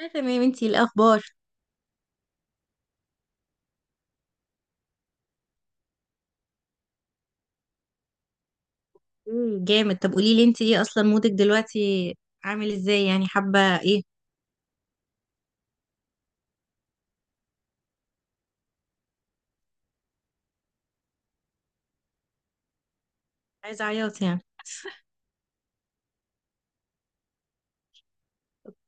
اه تمام، انتي إيه الاخبار؟ جامد. طب قولي لي انتي ايه اصلا مودك دلوقتي؟ عامل ازاي يعني، حابه ايه؟ عايزه عياط يعني؟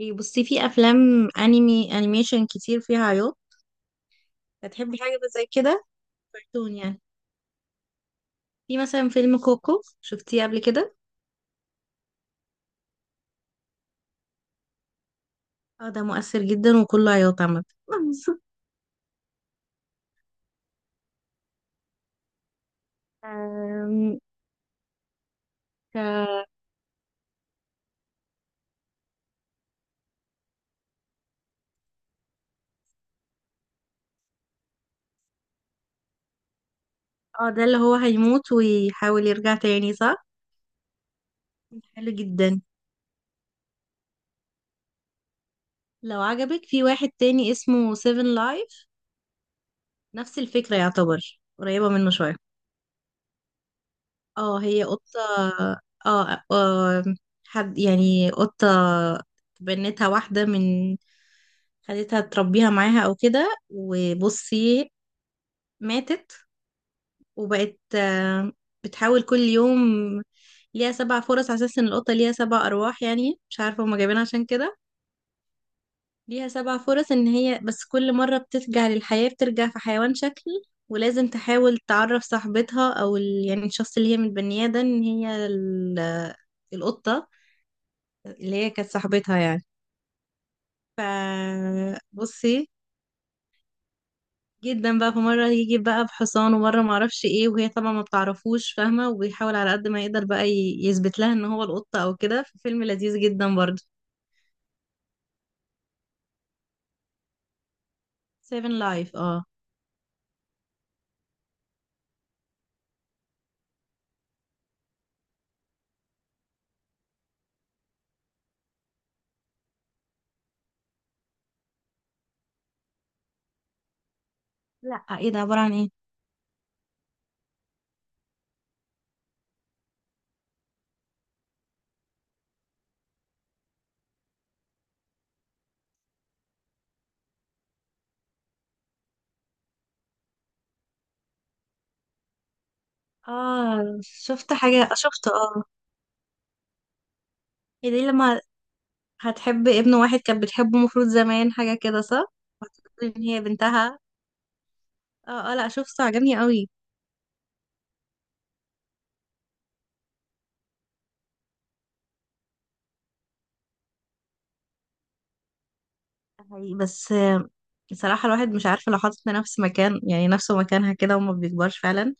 إيه، بصي، في افلام انمي انيميشن كتير فيها عياط. هتحبي حاجه زي كده؟ كرتون يعني. في مثلا فيلم كوكو، شفتيه قبل كده؟ اه، ده مؤثر جدا وكله عياط عامه. أم، ك- اه، ده اللي هو هيموت ويحاول يرجع تاني، صح؟ حلو جدا. لو عجبك، في واحد تاني اسمه سيفن لايف. نفس الفكرة، يعتبر قريبة منه شوية. اه، هي قطة. اه، آه. حد يعني، قطة بنتها واحدة من... خدتها تربيها معاها او كده، وبصي، ماتت. وبقت، بتحاول كل يوم. ليها سبع فرص على اساس ان القطة ليها سبع ارواح، يعني مش عارفة هما جايبينها عشان كده. ليها سبع فرص ان هي، بس كل مرة بترجع للحياة بترجع في حيوان شكل. ولازم تحاول تعرف صاحبتها او يعني الشخص اللي هي متبنياه ده، ان هي القطة اللي هي كانت صاحبتها يعني. ف بصي جدا بقى، في مرة يجي بقى بحصان، ومرة معرفش ايه، وهي طبعا ما بتعرفوش فاهمة، وبيحاول على قد ما يقدر بقى يثبت لها ان هو القطة او كده. فيلم لذيذ جدا برضه. سيفن لايف، اه. لا، ايه ده؟ عبارة عن ايه؟ اه، شفت حاجة، اه. هي دي لما هتحب ابن واحد كانت بتحبه المفروض زمان، حاجة كده صح؟ وهتقول ان هي بنتها. اه، اه، لا شوف، عجبني قوي. حقيقي، بس بصراحة الواحد مش عارفة لو حاطط نفس مكان، يعني نفسه مكانها كده، وما بيكبرش فعلا،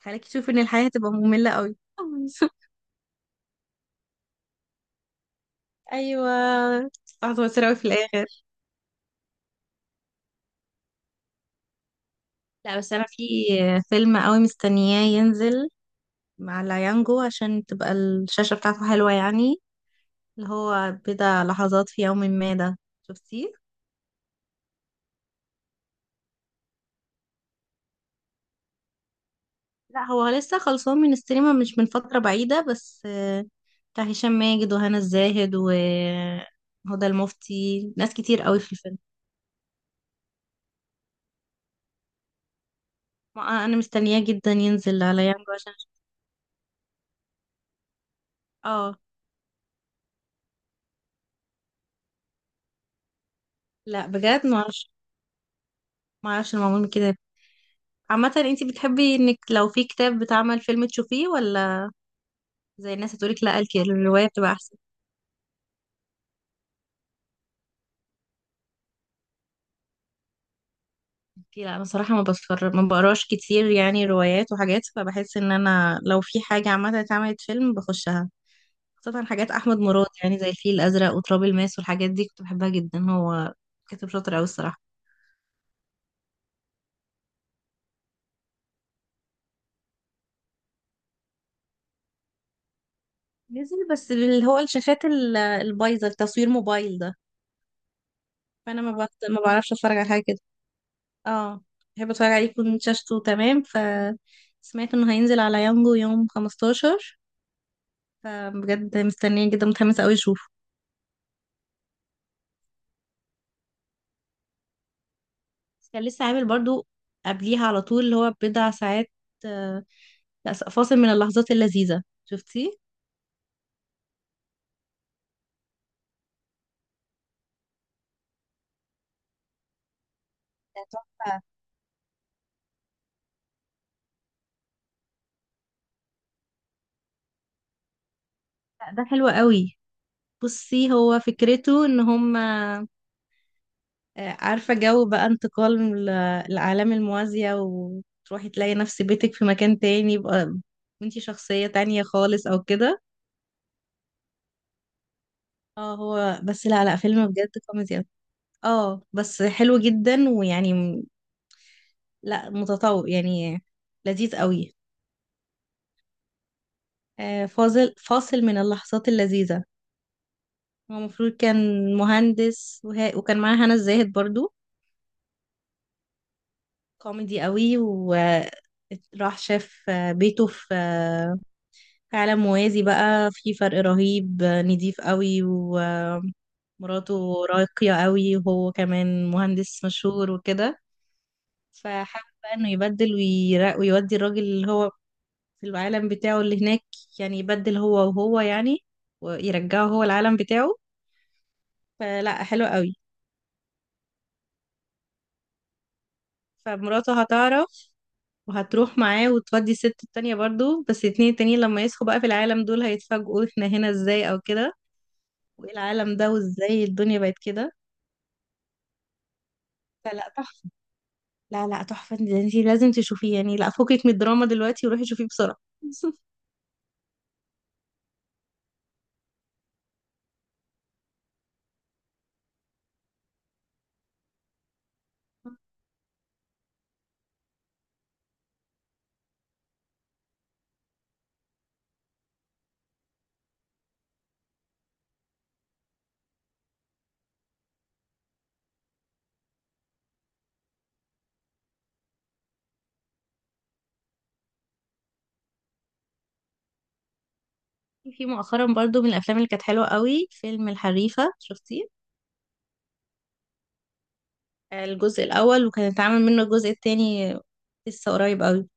خليك تشوف ان الحياة هتبقى مملة قوي. ايوه، هتوتر قوي في الاخر. لا، بس انا في فيلم قوي مستنياه ينزل مع العيانجو، عشان تبقى الشاشة بتاعته حلوة يعني، اللي هو بضع لحظات في يوم ما ده. شفتيه؟ لا، هو لسه خلصان من السينما مش من فترة بعيدة، بس بتاع هشام ماجد وهنا الزاهد وهدى المفتي، ناس كتير قوي في الفيلم. انا مستنياه جدا ينزل على يانجو عشان أشوف. اه، لا بجد ما اعرفش. ما اعرفش المعمول من كده. عامة، انتي بتحبي انك لو في كتاب بتعمل فيلم تشوفيه، ولا زي الناس تقولك لا الرواية بتبقى احسن؟ اوكي، لا انا صراحة ما بتفرج، ما بقراش كتير يعني روايات وحاجات، فبحس ان انا لو في حاجة عامة اتعملت فيلم بخشها، خاصة حاجات أحمد مراد، يعني زي الفيل الأزرق وتراب الماس والحاجات دي، كنت بحبها جدا. هو كاتب شاطر أوي الصراحة. نزل، بس اللي هو الشاشات البايظة، التصوير موبايل ده، فأنا ما بعرفش أتفرج على حاجة كده. اه، بحب أتفرج عليه يكون شاشته تمام. سمعت إنه هينزل على يانجو يوم 15، فبجد مستنية جدا، متحمسة أوي أشوفه. كان لسه عامل برضو قبليها على طول، اللي هو بضع ساعات. آه، لا، فاصل من اللحظات اللذيذة، شفتيه؟ ده تحفة. لا، ده حلو قوي. بصي، هو فكرته ان هم، عارفة جو بقى، انتقال من العالم الموازية، وتروحي تلاقي نفس بيتك في مكان تاني، يبقى انتي شخصية تانية خالص او كده. اه، هو بس، لا لا، فيلم بجد كوميدي أوي. اه بس حلو جدا، ويعني لا متطور يعني، لذيذ قوي. فاصل من اللحظات اللذيذة. هو المفروض كان مهندس وكان معاه هنا الزاهد برضو. كوميدي قوي، وراح شاف بيته في عالم موازي، بقى في فرق رهيب، نضيف قوي ومراته راقية قوي وهو كمان مهندس مشهور وكده، فحابب بقى انه يبدل ويودي الراجل اللي هو في العالم بتاعه اللي هناك، يعني يبدل هو وهو يعني، ويرجعه هو العالم بتاعه. فلا، حلو قوي. فمراته هتعرف وهتروح معاه وتودي الست التانية برضو، بس الاتنين التانيين لما يصحوا بقى في العالم دول هيتفاجئوا احنا هنا ازاي او كده، وايه العالم ده، وازاي الدنيا بقت كده. فلا، تحفة. لا لا، تحفة، ده انتي لازم تشوفيه يعني، لا فكك من الدراما دلوقتي وروحي شوفيه بسرعة. في مؤخرا برضو من الافلام اللي كانت حلوة قوي، فيلم الحريفة، شفتيه؟ الجزء الاول، وكان اتعمل منه الجزء التاني لسه قريب قوي.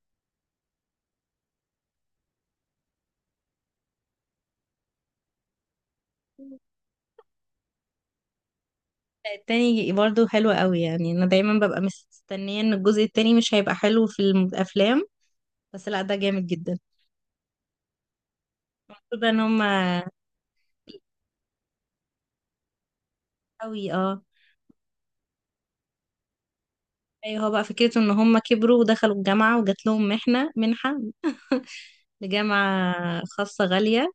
التاني برضو حلو قوي، يعني انا دايما ببقى مستنية ان الجزء التاني مش هيبقى حلو في الافلام، بس لا ده جامد جدا. ده ان هم قوي، اه. ايوه، هو بقى فكرته ان هم كبروا ودخلوا الجامعة، وجات لهم منحة لجامعة خاصة غالية،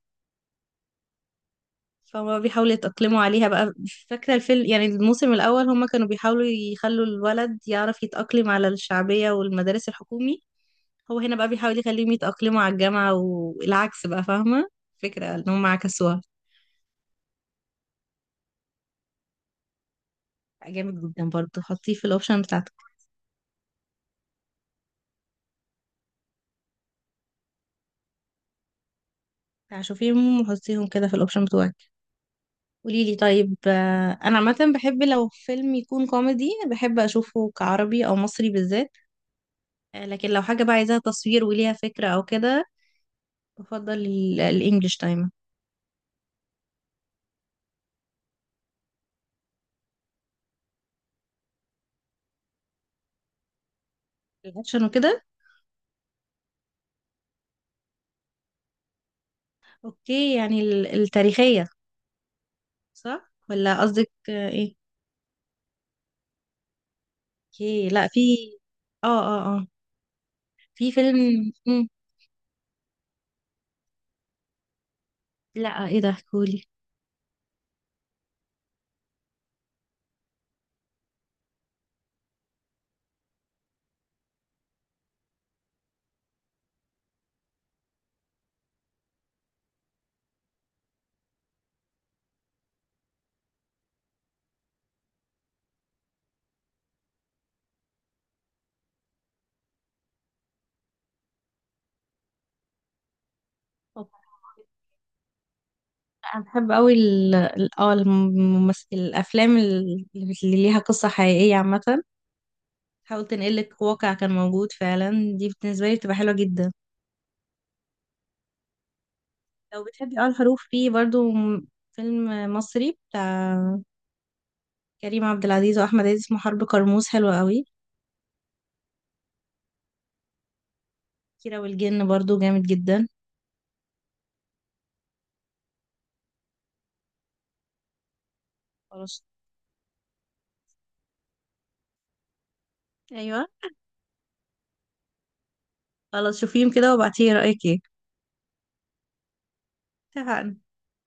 فهم بيحاولوا يتأقلموا عليها بقى. فاكرة الفيلم يعني الموسم الأول هم كانوا بيحاولوا يخلوا الولد يعرف يتأقلم على الشعبية والمدارس الحكومي، هو هنا بقى بيحاول يخليهم يتأقلموا على الجامعة، والعكس بقى، فاهمة فكرة ان هم عكسوها. جامد جدا برضه، حطيه في الأوبشن بتاعتك، شوفيهم وحطيهم كده في الأوبشن بتوعك. قولي لي طيب، انا عامه بحب لو فيلم يكون كوميدي بحب اشوفه كعربي او مصري بالذات. لكن لو حاجه بقى عايزاها تصوير وليها فكره او كده، بفضل الانجليش دايما. الاكشن وكده، اوكي. يعني التاريخيه، صح؟ ولا قصدك ايه؟ اوكي. لا، في، اه اه اه، في فيلم. مم. لا، ايه ده؟ قولي. انا بحب قوي الممثل، الافلام اللي ليها قصه حقيقيه عامه، حاول تنقلك واقع كان موجود فعلا. دي بالنسبة لي بتبقى حلوة جدا. لو بتحبي الحروف، في برضو فيلم مصري بتاع كريم عبد العزيز وأحمد عز، اسمه حرب كرموز، حلو قوي. كيرة والجن برضو جامد جدا. خلاص. أيوة. خلاص، شوفيهم كده وابعتيلي رأيك ايه. اتفقنا.